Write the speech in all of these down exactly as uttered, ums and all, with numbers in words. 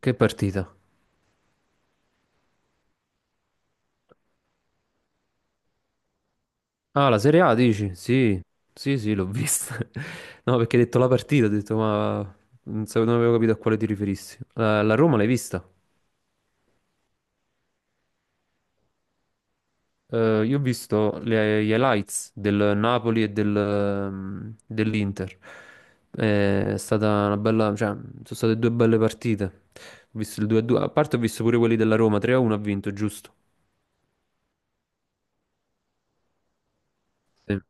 Che partita? Ah, la Serie A dici? Sì, sì, sì, l'ho vista. No, perché hai detto la partita, ho detto, ma non sapevo- non avevo capito a quale ti riferissi. La, la Roma l'hai vista? Eh, io ho visto le- gli highlights del Napoli e del, ehm, dell'Inter. Eh, È stata una bella, cioè, sono state due belle partite. Ho visto il due a due, a due, a parte ho visto pure quelli della Roma, tre a uno ha vinto, giusto? Sì.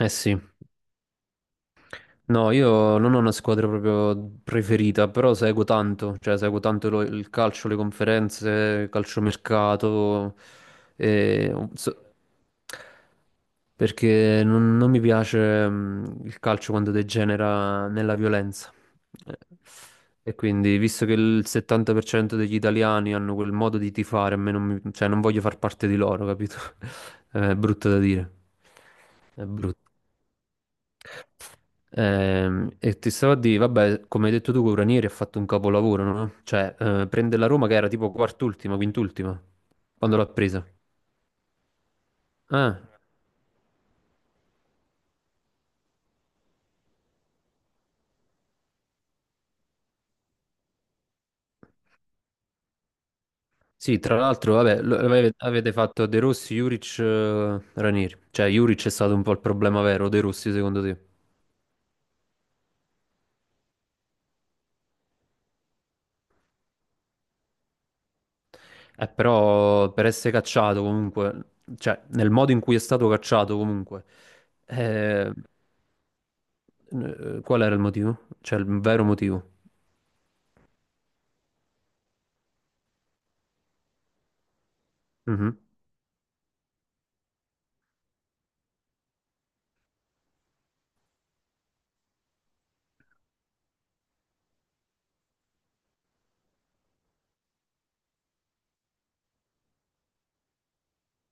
Eh sì, no, io non ho una squadra proprio preferita, però seguo tanto, cioè seguo tanto lo- il calcio, le conferenze, calciomercato, e, so- perché non, non mi piace mh, il calcio quando degenera nella violenza. Eh, E quindi, visto che il settanta per cento degli italiani hanno quel modo di tifare, a me non mi- cioè, non voglio far parte di loro, capito? È brutto da dire. È brutto. Ehm, e ti stavo a dire, vabbè, come hai detto tu, Ranieri ha fatto un capolavoro, no? Cioè, eh, prende la Roma che era tipo quart'ultima, quint'ultima, quando l'ha presa. Ah, sì, tra l'altro, vabbè, lo- ave- avete fatto De Rossi, Juric, eh, Ranieri. Cioè, Juric è stato un po' il problema vero, De Rossi, secondo te? Eh, però, per essere cacciato comunque, cioè, nel modo in cui è stato cacciato comunque, eh, eh, qual era il motivo? Cioè, il vero motivo? Mhm,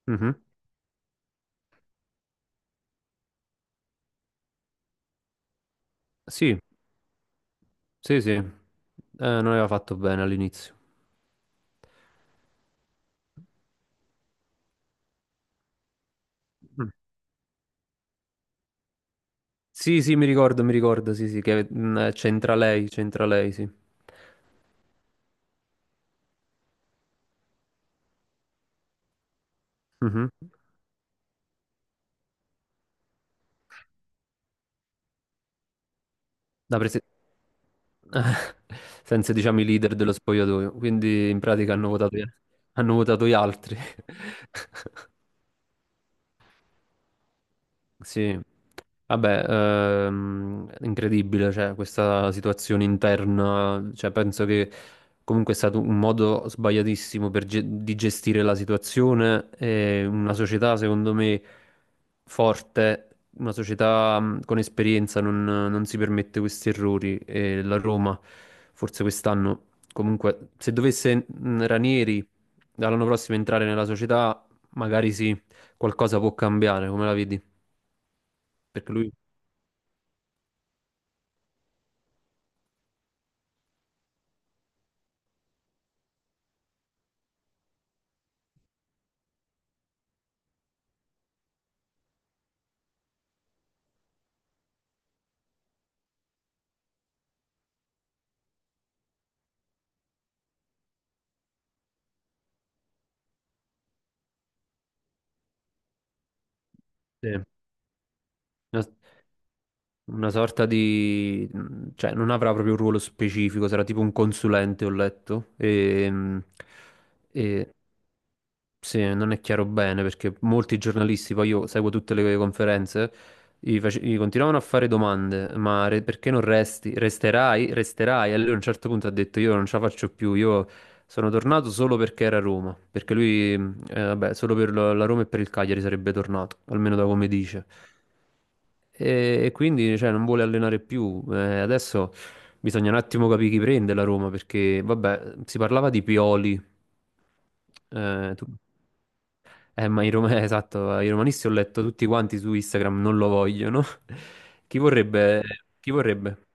mhm. Sì, sì, sì, Eh, non aveva fatto bene all'inizio. Mm. Sì, sì, mi ricordo, mi ricordo, sì, sì, che mm, eh, c'entra lei, c'entra lei, sì. Mhm. La presi- senza, diciamo, i leader dello spogliatoio, quindi in pratica hanno votato, hanno votato gli altri. Sì, vabbè, ehm, incredibile, cioè, questa situazione interna, cioè, penso che comunque è stato un modo sbagliatissimo per ge- di gestire la situazione e una società, secondo me, forte, una società mh, con esperienza non, non si permette questi errori e la Roma, forse quest'anno, comunque, se dovesse mh, Ranieri dall'anno prossimo entrare nella società, magari sì, qualcosa può cambiare, come la vedi? Perché lui è una, una sorta di, cioè non avrà proprio un ruolo specifico, sarà tipo un consulente, ho letto. E, e sì, non è chiaro bene perché molti giornalisti, poi io seguo tutte le conferenze, gli, face- gli continuavano a fare domande, ma re- perché non resti? Resterai? Resterai? E lui a un certo punto ha detto io non ce la faccio più, io sono tornato solo perché era Roma, perché lui, mh, eh, vabbè, solo per la la Roma e per il Cagliari sarebbe tornato, almeno da come dice. E, e quindi cioè, non vuole allenare più. Eh, adesso bisogna un attimo capire chi prende la Roma, perché vabbè, si parlava di Pioli. Eh, tu- eh, ma i rom- eh, esatto, i romanisti ho letto tutti quanti su Instagram non lo vogliono. Chi vorrebbe? Chi vorrebbe?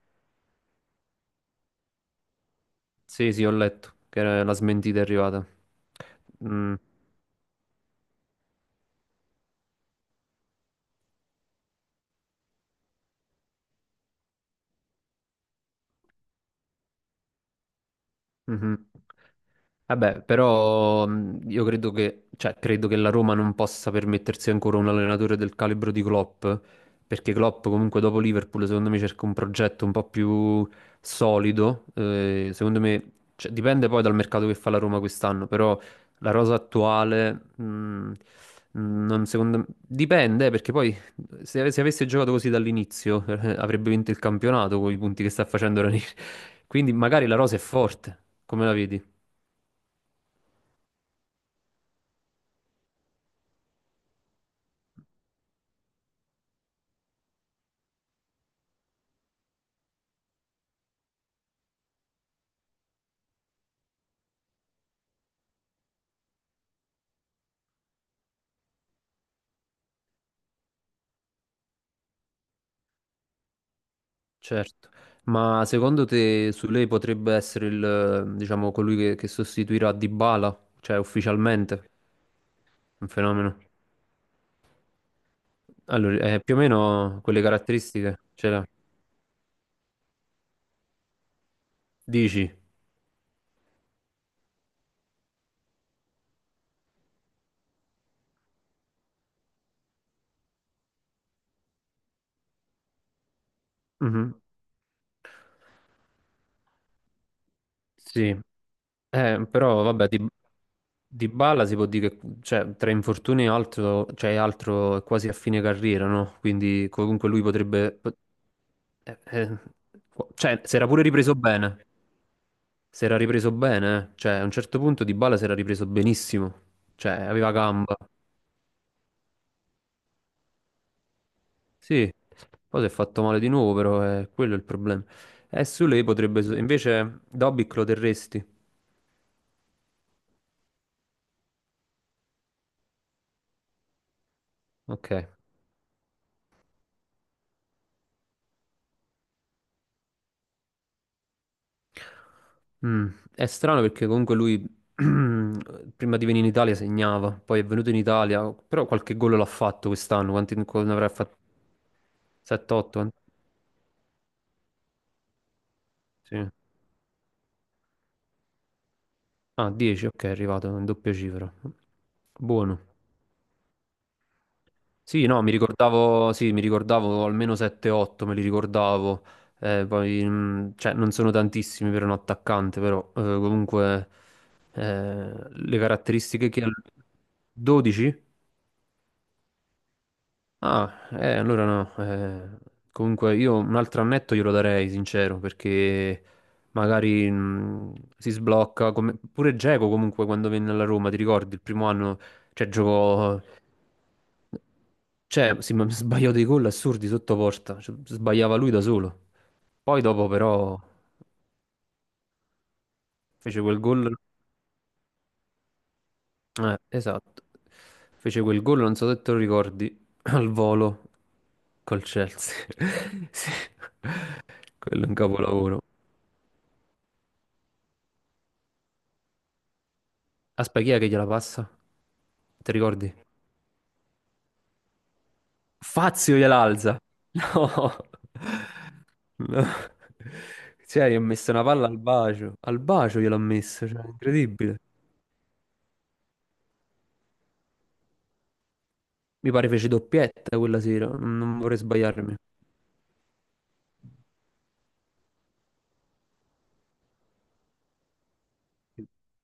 Sì, sì, ho letto che era- la smentita è arrivata. Mm. Mhm. Vabbè, però mh, io credo che, cioè, credo che la Roma non possa permettersi ancora un allenatore del calibro di Klopp, perché Klopp comunque dopo Liverpool secondo me cerca un progetto un po' più solido, eh, secondo me, cioè, dipende poi dal mercato che fa la Roma quest'anno, però la rosa attuale, mh, non secondo me, dipende eh, perché poi se, ave- se avesse giocato così dall'inizio, eh, avrebbe vinto il campionato con i punti che sta facendo Ranieri. Quindi magari la rosa è forte, come la vedi? Certo. Ma secondo te su lei potrebbe essere il, eh, diciamo, colui che, che, sostituirà Dybala, cioè ufficialmente? Un fenomeno. Allora, eh, più o meno quelle caratteristiche ce l'ha. Dici? Mhm. Sì. Eh, però vabbè, di, Dybala si può dire che cioè, tra infortuni e altro, cioè, altro è quasi a fine carriera, no? Quindi comunque lui potrebbe, pot- eh, eh, cioè, si era pure ripreso bene. Si era ripreso bene, eh. Cioè a un certo punto Dybala si era ripreso benissimo, cioè aveva gamba. Sì, poi si è fatto male di nuovo, però è quello è il problema. E su lei potrebbe, so-, invece Dobic lo terresti? Ok. Mm, È strano perché comunque lui prima di venire in Italia segnava, poi è venuto in Italia, però qualche gol l'ha fatto quest'anno, quanti co- ne avrà fatto? sette otto? Sì. Ah, dieci, ok, è arrivato in doppia cifra. Buono. Sì, no, mi ricordavo, sì, mi ricordavo almeno sette otto, me li ricordavo. Eh, poi, mm, cioè, non sono tantissimi per un attaccante, però eh, comunque eh, le caratteristiche che ha. dodici? Ah, eh, allora no. Eh, comunque io un altro annetto glielo darei, sincero, perché magari mh, si sblocca. come- Pure Dzeko comunque quando venne alla Roma, ti ricordi, il primo anno, cioè giocò. Cioè, si ma- sbagliò dei gol assurdi sotto porta, cioè, sbagliava lui da solo. Poi dopo però fece quel gol. Eh, esatto. Fece quel gol, non so se te lo ricordi, al volo col Chelsea. Sì. Quello è un capolavoro. Aspetta, chi è che gliela passa? Ti ricordi? Fazio gliel'alza. No. No. Cioè, gli ho messo una palla al bacio. Al bacio gliel'ho messa, cioè, incredibile. Mi pare fece doppietta quella sera, non non vorrei sbagliarmi.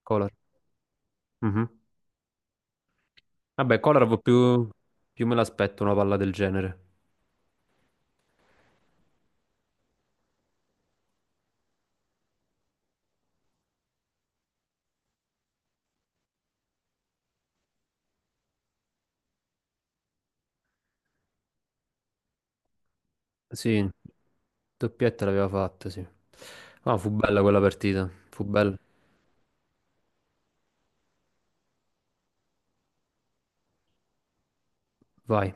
Kolar. Mhm. Vabbè, Kolar più, più me l'aspetto una palla del genere. Sì, doppietta l'aveva fatta, sì. No, fu bella quella partita, fu bella. Vai.